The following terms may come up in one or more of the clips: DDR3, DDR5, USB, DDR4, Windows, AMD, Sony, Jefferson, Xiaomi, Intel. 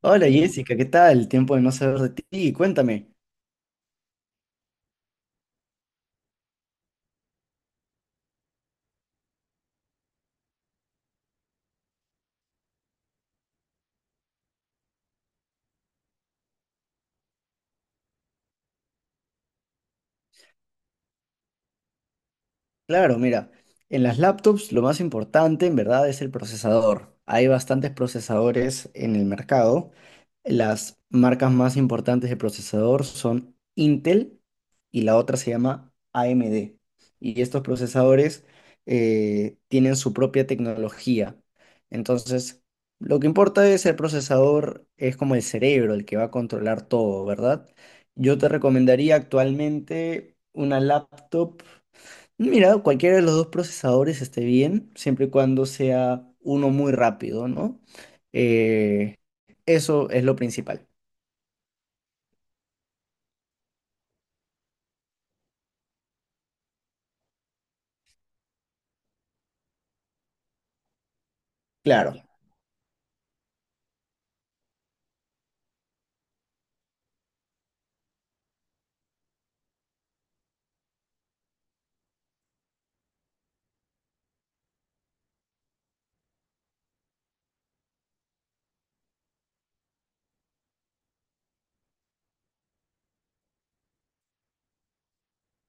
Hola Jessica, ¿qué tal? Tiempo de no saber de ti. Cuéntame. Claro, mira, en las laptops lo más importante en verdad es el procesador. Hay bastantes procesadores en el mercado. Las marcas más importantes de procesador son Intel y la otra se llama AMD. Y estos procesadores tienen su propia tecnología. Entonces, lo que importa es el procesador, es como el cerebro, el que va a controlar todo, ¿verdad? Yo te recomendaría actualmente una laptop. Mira, cualquiera de los dos procesadores esté bien, siempre y cuando sea uno muy rápido, ¿no? Eh, Eso es lo principal. Claro.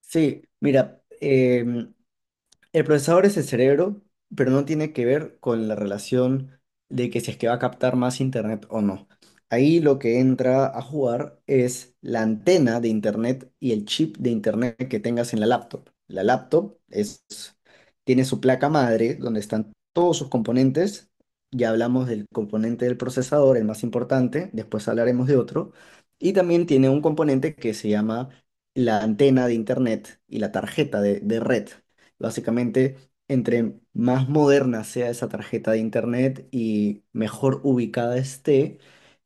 Sí, mira, el procesador es el cerebro, pero no tiene que ver con la relación de que si es que va a captar más internet o no. Ahí lo que entra a jugar es la antena de internet y el chip de internet que tengas en la laptop. La laptop es, tiene su placa madre donde están todos sus componentes. Ya hablamos del componente del procesador, el más importante, después hablaremos de otro. Y también tiene un componente que se llama la antena de internet y la tarjeta de red. Básicamente, entre más moderna sea esa tarjeta de internet y mejor ubicada esté,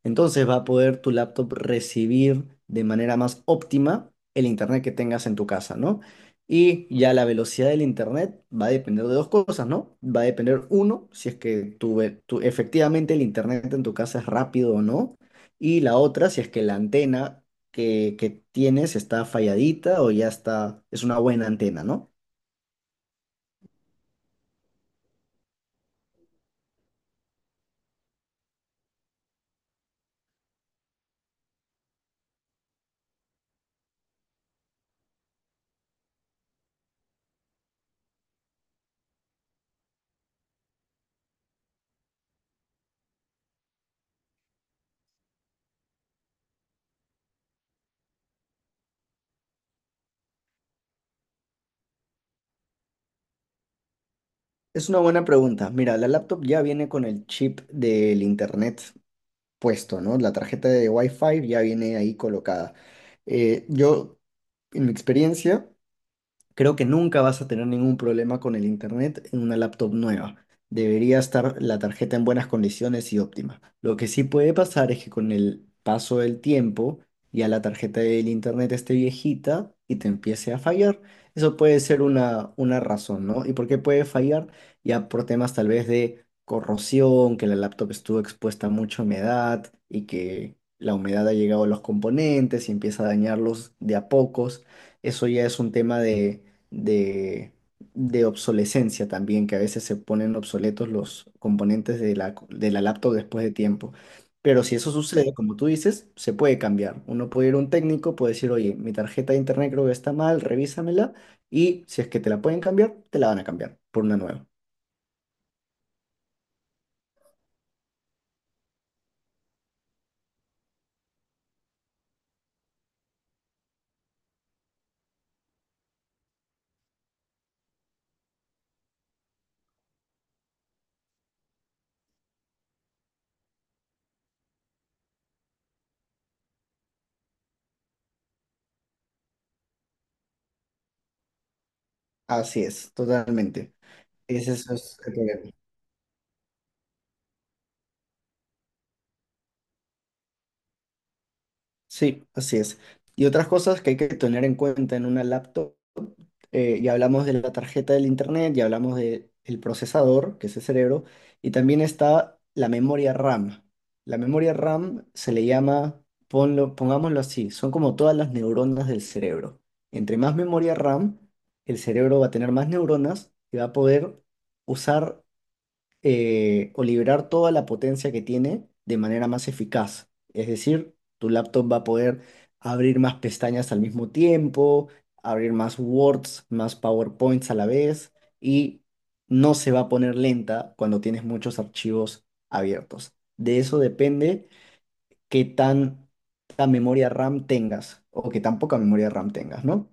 entonces va a poder tu laptop recibir de manera más óptima el internet que tengas en tu casa, ¿no? Y ya la velocidad del internet va a depender de dos cosas, ¿no? Va a depender, uno, si es que efectivamente el internet en tu casa es rápido o no. Y la otra, si es que la antena que tienes está falladita o ya está, es una buena antena, ¿no? Es una buena pregunta. Mira, la laptop ya viene con el chip del internet puesto, ¿no? La tarjeta de Wi-Fi ya viene ahí colocada. Yo, en mi experiencia, creo que nunca vas a tener ningún problema con el internet en una laptop nueva. Debería estar la tarjeta en buenas condiciones y óptima. Lo que sí puede pasar es que con el paso del tiempo ya la tarjeta del internet esté viejita y te empiece a fallar. Eso puede ser una razón, ¿no? ¿Y por qué puede fallar? Ya por temas tal vez de corrosión, que la laptop estuvo expuesta a mucha humedad y que la humedad ha llegado a los componentes y empieza a dañarlos de a pocos. Eso ya es un tema de de, de obsolescencia también, que a veces se ponen obsoletos los componentes de la laptop después de tiempo. Pero si eso sucede, como tú dices, se puede cambiar. Uno puede ir a un técnico, puede decir, oye, mi tarjeta de internet creo que está mal, revísamela. Y si es que te la pueden cambiar, te la van a cambiar por una nueva. Así es, totalmente. Ese es el problema. Sí, así es. Y otras cosas que hay que tener en cuenta en una laptop, ya hablamos de la tarjeta del internet, ya hablamos del procesador, que es el cerebro, y también está la memoria RAM. La memoria RAM se le llama, pongámoslo así, son como todas las neuronas del cerebro. Entre más memoria RAM, el cerebro va a tener más neuronas y va a poder usar o liberar toda la potencia que tiene de manera más eficaz. Es decir, tu laptop va a poder abrir más pestañas al mismo tiempo, abrir más Words, más PowerPoints a la vez y no se va a poner lenta cuando tienes muchos archivos abiertos. De eso depende qué tan memoria RAM tengas o qué tan poca memoria RAM tengas, ¿no?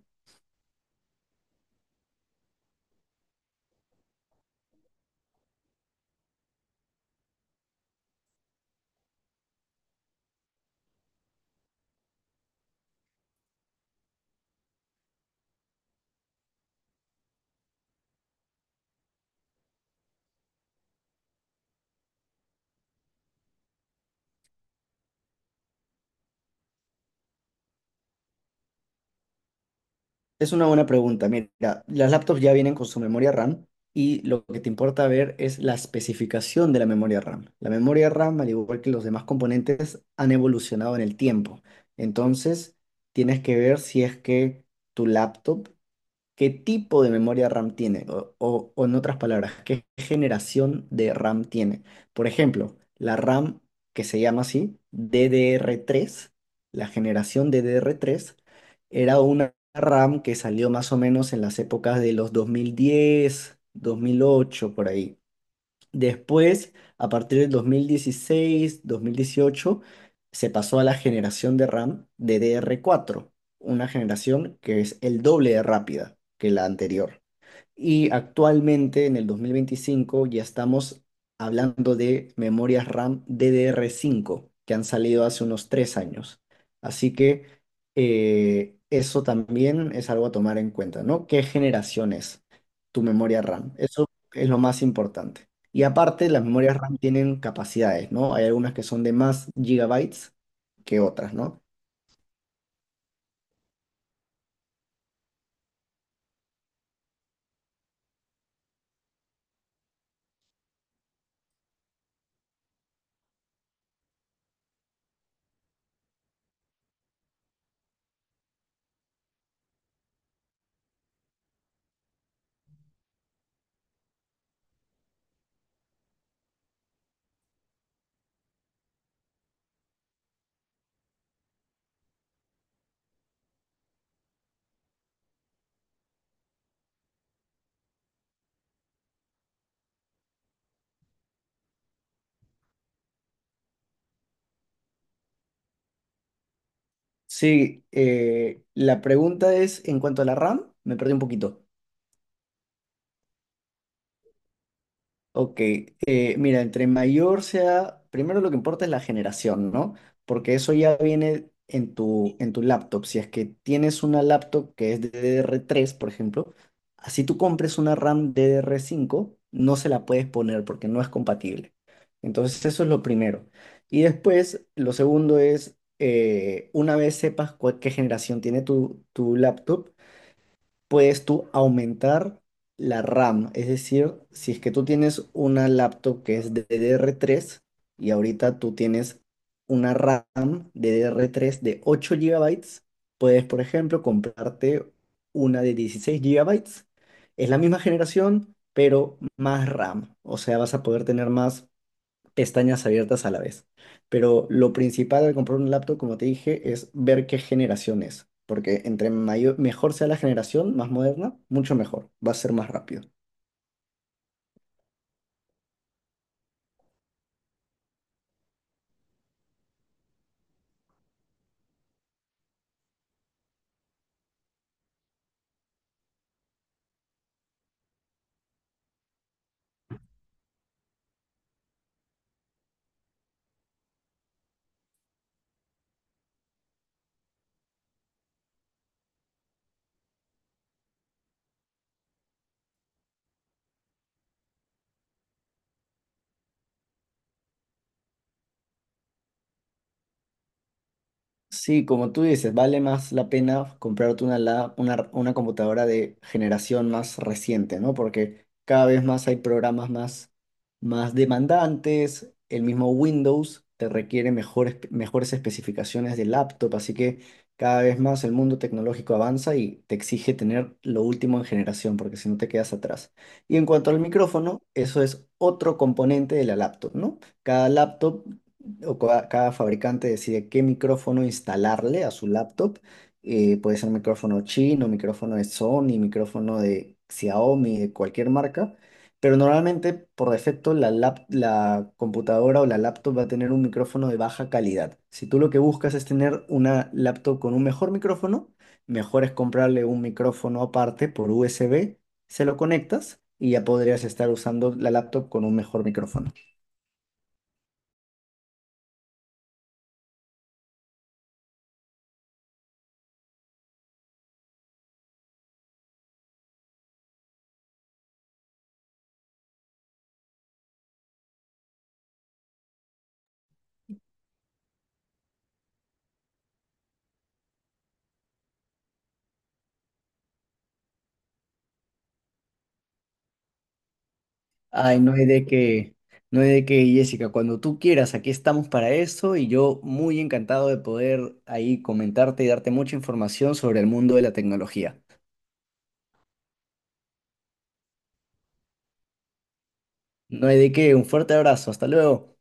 Es una buena pregunta. Mira, las laptops ya vienen con su memoria RAM y lo que te importa ver es la especificación de la memoria RAM. La memoria RAM, al igual que los demás componentes, han evolucionado en el tiempo. Entonces, tienes que ver si es que tu laptop, ¿qué tipo de memoria RAM tiene? O, o en otras palabras, ¿qué generación de RAM tiene? Por ejemplo, la RAM que se llama así, DDR3, la generación DDR3, era una RAM que salió más o menos en las épocas de los 2010, 2008, por ahí. Después, a partir del 2016, 2018, se pasó a la generación de RAM de DDR4, una generación que es el doble de rápida que la anterior. Y actualmente en el 2025 ya estamos hablando de memorias RAM DDR5 que han salido hace unos 3 años. Así que eso también es algo a tomar en cuenta, ¿no? ¿Qué generación es tu memoria RAM? Eso es lo más importante. Y aparte, las memorias RAM tienen capacidades, ¿no? Hay algunas que son de más gigabytes que otras, ¿no? Sí, la pregunta es en cuanto a la RAM, me perdí un poquito. Ok, mira, entre mayor sea, primero lo que importa es la generación, ¿no? Porque eso ya viene en tu laptop. Si es que tienes una laptop que es DDR3, por ejemplo, así tú compres una RAM DDR5, no se la puedes poner porque no es compatible. Entonces, eso es lo primero. Y después, lo segundo es, una vez sepas qué generación tiene tu, tu laptop, puedes tú aumentar la RAM. Es decir, si es que tú tienes una laptop que es DDR3 y ahorita tú tienes una RAM DDR3 de 8 GB, puedes, por ejemplo, comprarte una de 16 GB. Es la misma generación, pero más RAM. O sea, vas a poder tener más pestañas abiertas a la vez. Pero lo principal al comprar un laptop, como te dije, es ver qué generación es. Porque entre mayor, mejor sea la generación, más moderna, mucho mejor. Va a ser más rápido. Sí, como tú dices, vale más la pena comprarte una computadora de generación más reciente, ¿no? Porque cada vez más hay programas más demandantes, el mismo Windows te requiere mejores especificaciones de laptop, así que cada vez más el mundo tecnológico avanza y te exige tener lo último en generación, porque si no te quedas atrás. Y en cuanto al micrófono, eso es otro componente de la laptop, ¿no? Cada laptop o cada fabricante decide qué micrófono instalarle a su laptop. Puede ser micrófono chino, micrófono de Sony, micrófono de Xiaomi, de cualquier marca. Pero normalmente, por defecto, la computadora o la laptop va a tener un micrófono de baja calidad. Si tú lo que buscas es tener una laptop con un mejor micrófono, mejor es comprarle un micrófono aparte por USB, se lo conectas y ya podrías estar usando la laptop con un mejor micrófono. Ay, no hay de qué, no hay de qué, Jessica. Cuando tú quieras, aquí estamos para eso y yo muy encantado de poder ahí comentarte y darte mucha información sobre el mundo de la tecnología. No hay de qué, un fuerte abrazo, hasta luego.